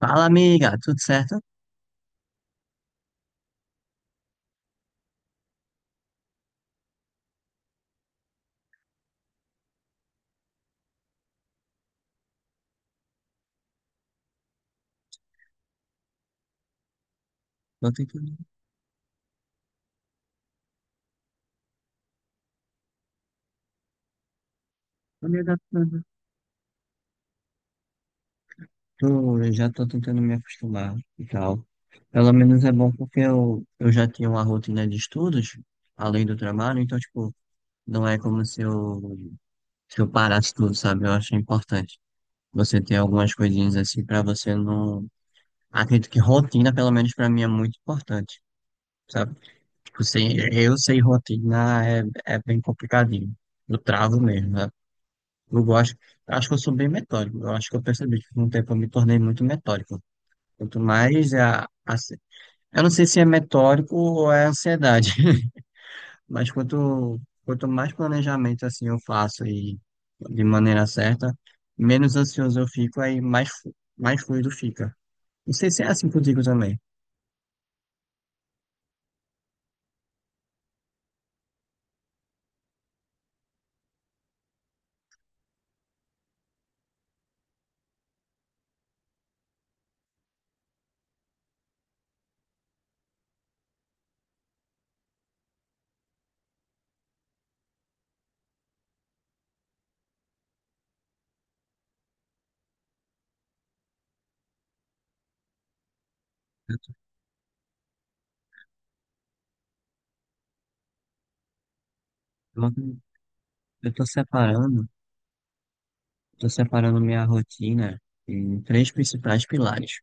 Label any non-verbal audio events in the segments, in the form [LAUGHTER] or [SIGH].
Fala, amiga, tudo certo? Tô tentando tô me adaptando. Tô, eu já tô tentando me acostumar e tal. Pelo menos é bom porque eu já tinha uma rotina de estudos, além do trabalho, então, tipo, não é como se eu, se eu parasse tudo, sabe? Eu acho importante você ter algumas coisinhas assim pra você não. Acredito que rotina, pelo menos pra mim, é muito importante, sabe? Tipo, sem, eu sem rotina é bem complicadinho. Eu travo mesmo, né? Eu gosto, acho que eu sou bem metódico. Eu acho que eu percebi que com o tempo eu me tornei muito metódico. Quanto mais é eu não sei se é metódico ou é ansiedade, [LAUGHS] mas quanto mais planejamento assim eu faço e de maneira certa, menos ansioso eu fico, aí mais, mais fluido fica. Não sei se é assim contigo também. Eu eu tô separando minha rotina em três principais pilares.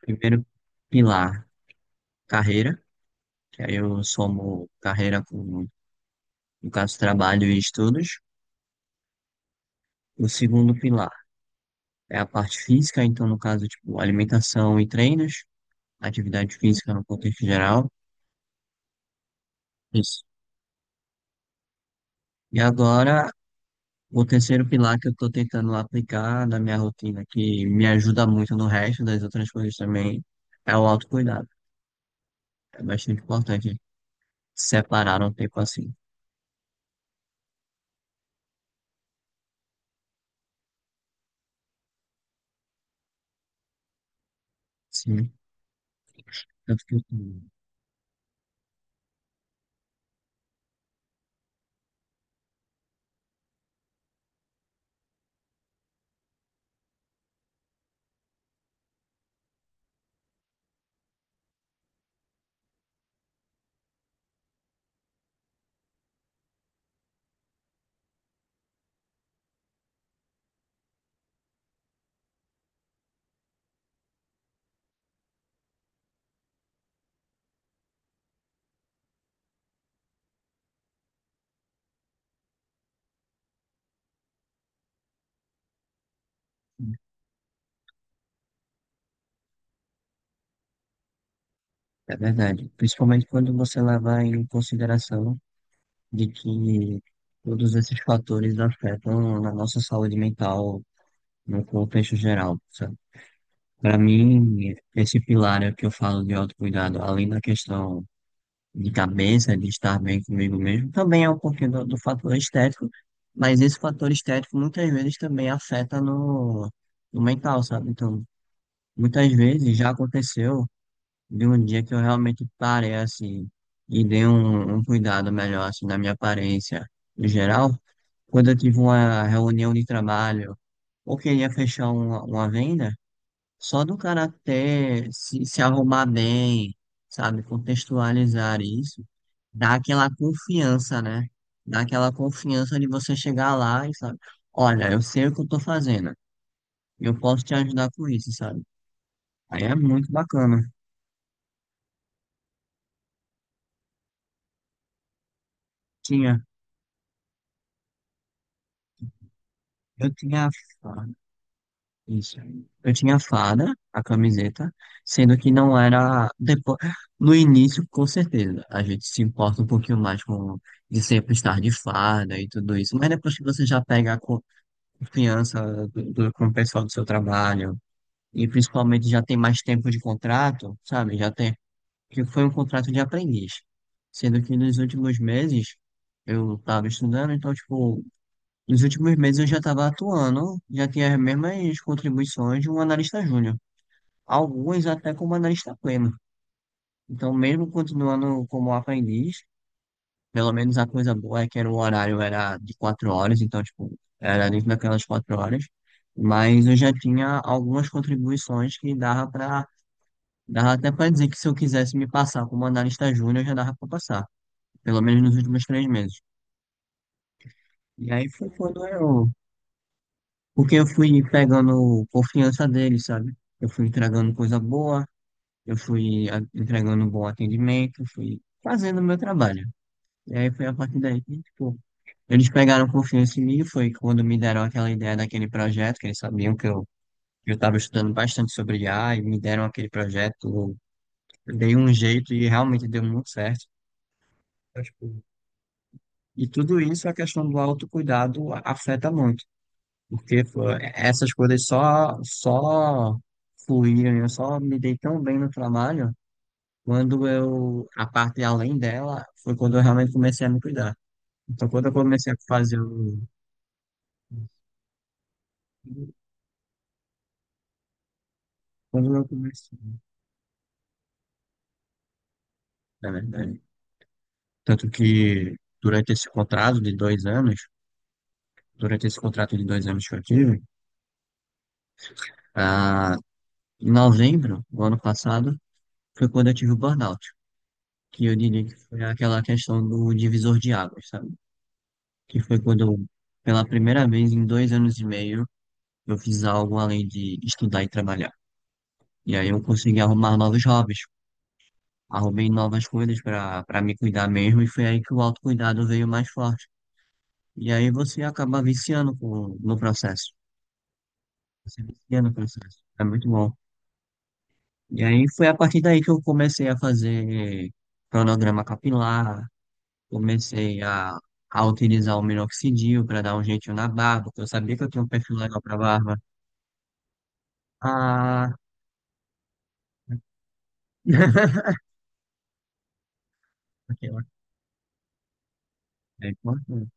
Primeiro pilar, carreira. Que aí eu somo carreira com, no caso, trabalho e estudos. O segundo pilar é a parte física, então, no caso, tipo, alimentação e treinos, atividade física no contexto geral. Isso. E agora, o terceiro pilar que eu estou tentando aplicar na minha rotina, que me ajuda muito no resto das outras coisas também, é o autocuidado. É bastante importante separar um tempo assim. Sim, tanto que eu tenho. É verdade. Principalmente quando você leva em consideração de que todos esses fatores afetam a nossa saúde mental no contexto geral, sabe? Para mim, esse pilar é que eu falo de autocuidado, além da questão de cabeça, de estar bem comigo mesmo, também é um pouquinho do, do fator estético, mas esse fator estético muitas vezes também afeta no, no mental, sabe? Então, muitas vezes já aconteceu de um dia que eu realmente parei assim e dei um, um cuidado melhor assim na minha aparência em geral, quando eu tive uma reunião de trabalho ou queria fechar uma venda, só do cara ter se, se arrumar bem, sabe, contextualizar isso, dá aquela confiança, né? Dá aquela confiança de você chegar lá e sabe, olha, eu sei o que eu tô fazendo. Eu posso te ajudar com isso, sabe? Aí é muito bacana. Tinha, eu tinha. Isso. Eu tinha a fada, a camiseta, sendo que não era depois, no início, com certeza. A gente se importa um pouquinho mais com de sempre estar de fada e tudo isso, mas depois que você já pega a confiança do com o pessoal do seu trabalho e principalmente já tem mais tempo de contrato, sabe? Já tem que foi um contrato de aprendiz, sendo que nos últimos meses eu estava estudando, então tipo nos últimos meses eu já estava atuando, já tinha as mesmas contribuições de um analista júnior, algumas até como analista pleno. Então, mesmo continuando como aprendiz, pelo menos a coisa boa é que era o horário era de quatro horas, então, tipo, era dentro daquelas quatro horas, mas eu já tinha algumas contribuições que dava para, dava até para dizer que se eu quisesse me passar como analista júnior, já dava para passar, pelo menos nos últimos três meses. E aí foi quando eu. Porque eu fui pegando confiança dele, sabe? Eu fui entregando coisa boa, eu fui entregando um bom atendimento, fui fazendo o meu trabalho. E aí foi a partir daí que, tipo, eles pegaram confiança em mim, foi quando me deram aquela ideia daquele projeto, que eles sabiam que eu estava estudando bastante sobre IA, e me deram aquele projeto, eu dei um jeito e realmente deu muito certo. Então, tipo, e tudo isso, a questão do autocuidado afeta muito. Porque pô, essas coisas só fluíram, eu só me dei tão bem no trabalho quando eu, a parte além dela, foi quando eu realmente comecei a me cuidar. Então, quando eu comecei a fazer o. Quando eu comecei, na verdade. Tanto que, durante esse contrato de dois anos que eu tive, ah, em novembro do ano passado, foi quando eu tive o burnout, que eu diria que foi aquela questão do divisor de águas, sabe? Que foi quando, eu, pela primeira vez em dois anos e meio, eu fiz algo além de estudar e trabalhar. E aí eu consegui arrumar novos hobbies, arrumei novas coisas para para me cuidar mesmo, e foi aí que o autocuidado veio mais forte. E aí você acaba viciando no processo. Você vicia no processo. É muito bom. E aí foi a partir daí que eu comecei a fazer cronograma capilar, comecei a utilizar o minoxidil para dar um jeitinho na barba, porque eu sabia que eu tinha um perfil legal para barba a [LAUGHS] Aquela é importante.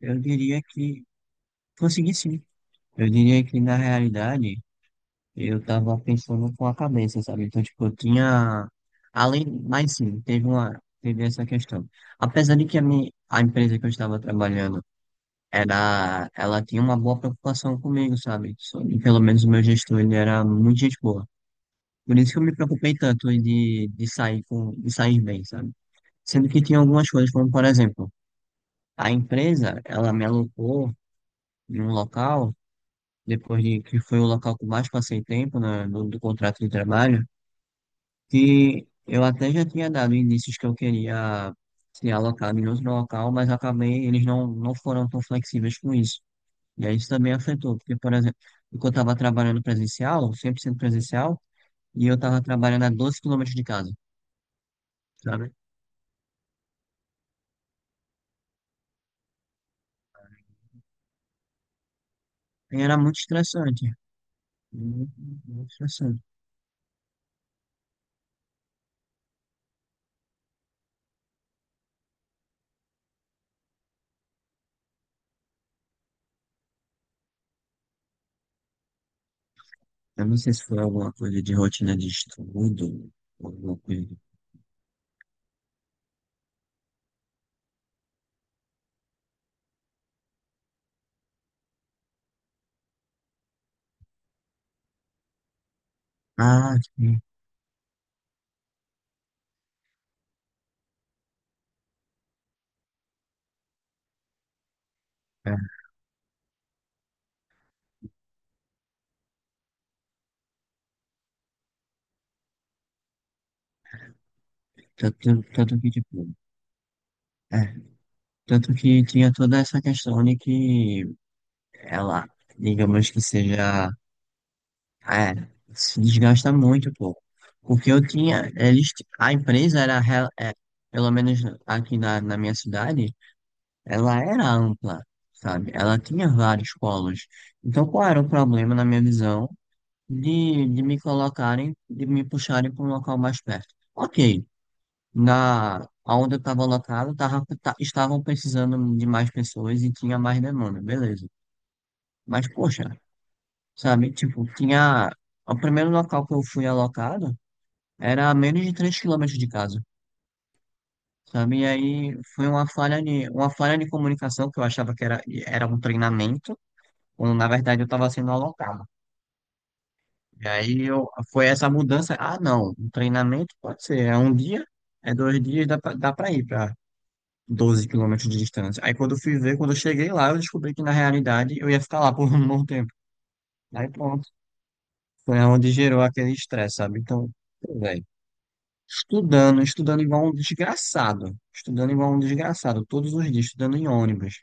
Eu diria que consegui sim. Eu diria que na realidade eu tava pensando com a cabeça, sabe? Então, tipo, eu tinha. Além, mas sim, teve uma. Teve essa questão. Apesar de que a, minha, a empresa que eu estava trabalhando era. Ela tinha uma boa preocupação comigo, sabe? Sobre, pelo menos o meu gestor, ele era muito gente boa. Por isso que eu me preocupei tanto de sair com, de sair bem, sabe? Sendo que tinha algumas coisas, como por exemplo. A empresa, ela me alocou em um local, depois de que foi o local que eu mais passei tempo né, no, do contrato de trabalho, que eu até já tinha dado indícios que eu queria ser alocado em outro local, mas acabei, eles não, não foram tão flexíveis com isso. E aí isso também afetou, porque, por exemplo, porque eu estava trabalhando presencial, 100% presencial, e eu estava trabalhando a 12 quilômetros de casa, sabe? E era muito estressante, muito, muito estressante. Eu não sei se foi alguma coisa de rotina de estudo, ou alguma coisa. Ah, sim. É, tanto que, tipo, é, tanto que tinha toda essa questão de que ela, digamos que seja, é, se desgasta muito, pô. Porque eu tinha, eles, a empresa era, é, pelo menos aqui na, na minha cidade, ela era ampla, sabe? Ela tinha vários polos. Então, qual era o problema, na minha visão? De me colocarem, de me puxarem para um local mais perto. Ok, na onde eu estava locado, estavam precisando de mais pessoas e tinha mais demanda, beleza. Mas, poxa, sabe, tipo, tinha... O primeiro local que eu fui alocado era a menos de 3 quilômetros de casa, sabe? E aí foi uma falha de comunicação que eu achava que era, era um treinamento, quando na verdade eu estava sendo alocado. E aí eu, foi essa mudança. Ah, não, um treinamento pode ser. É um dia, é dois dias, dá pra ir pra 12 quilômetros de distância. Aí quando eu fui ver, quando eu cheguei lá, eu descobri que na realidade eu ia ficar lá por [LAUGHS] um bom tempo. Aí pronto. Foi onde gerou aquele estresse, sabe? Então, pô, velho, estudando, estudando igual um desgraçado. Estudando igual um desgraçado, todos os dias, estudando em ônibus,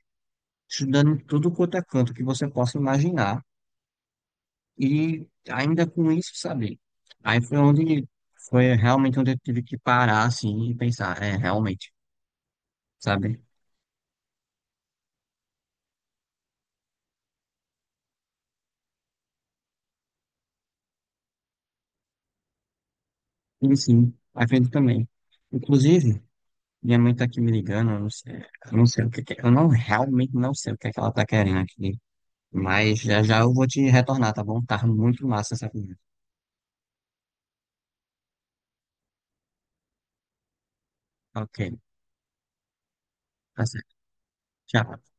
estudando em tudo quanto é canto que você possa imaginar. E ainda com isso, sabe? Aí foi onde foi realmente onde eu tive que parar assim e pensar, é, realmente, sabe? E sim, a gente também. Inclusive, minha mãe tá aqui me ligando, eu não sei o que que, eu não realmente não sei o que é que ela tá querendo aqui, mas já já eu vou te retornar, tá bom? Tá muito massa essa conversa. Ok, tá certo. Tchau.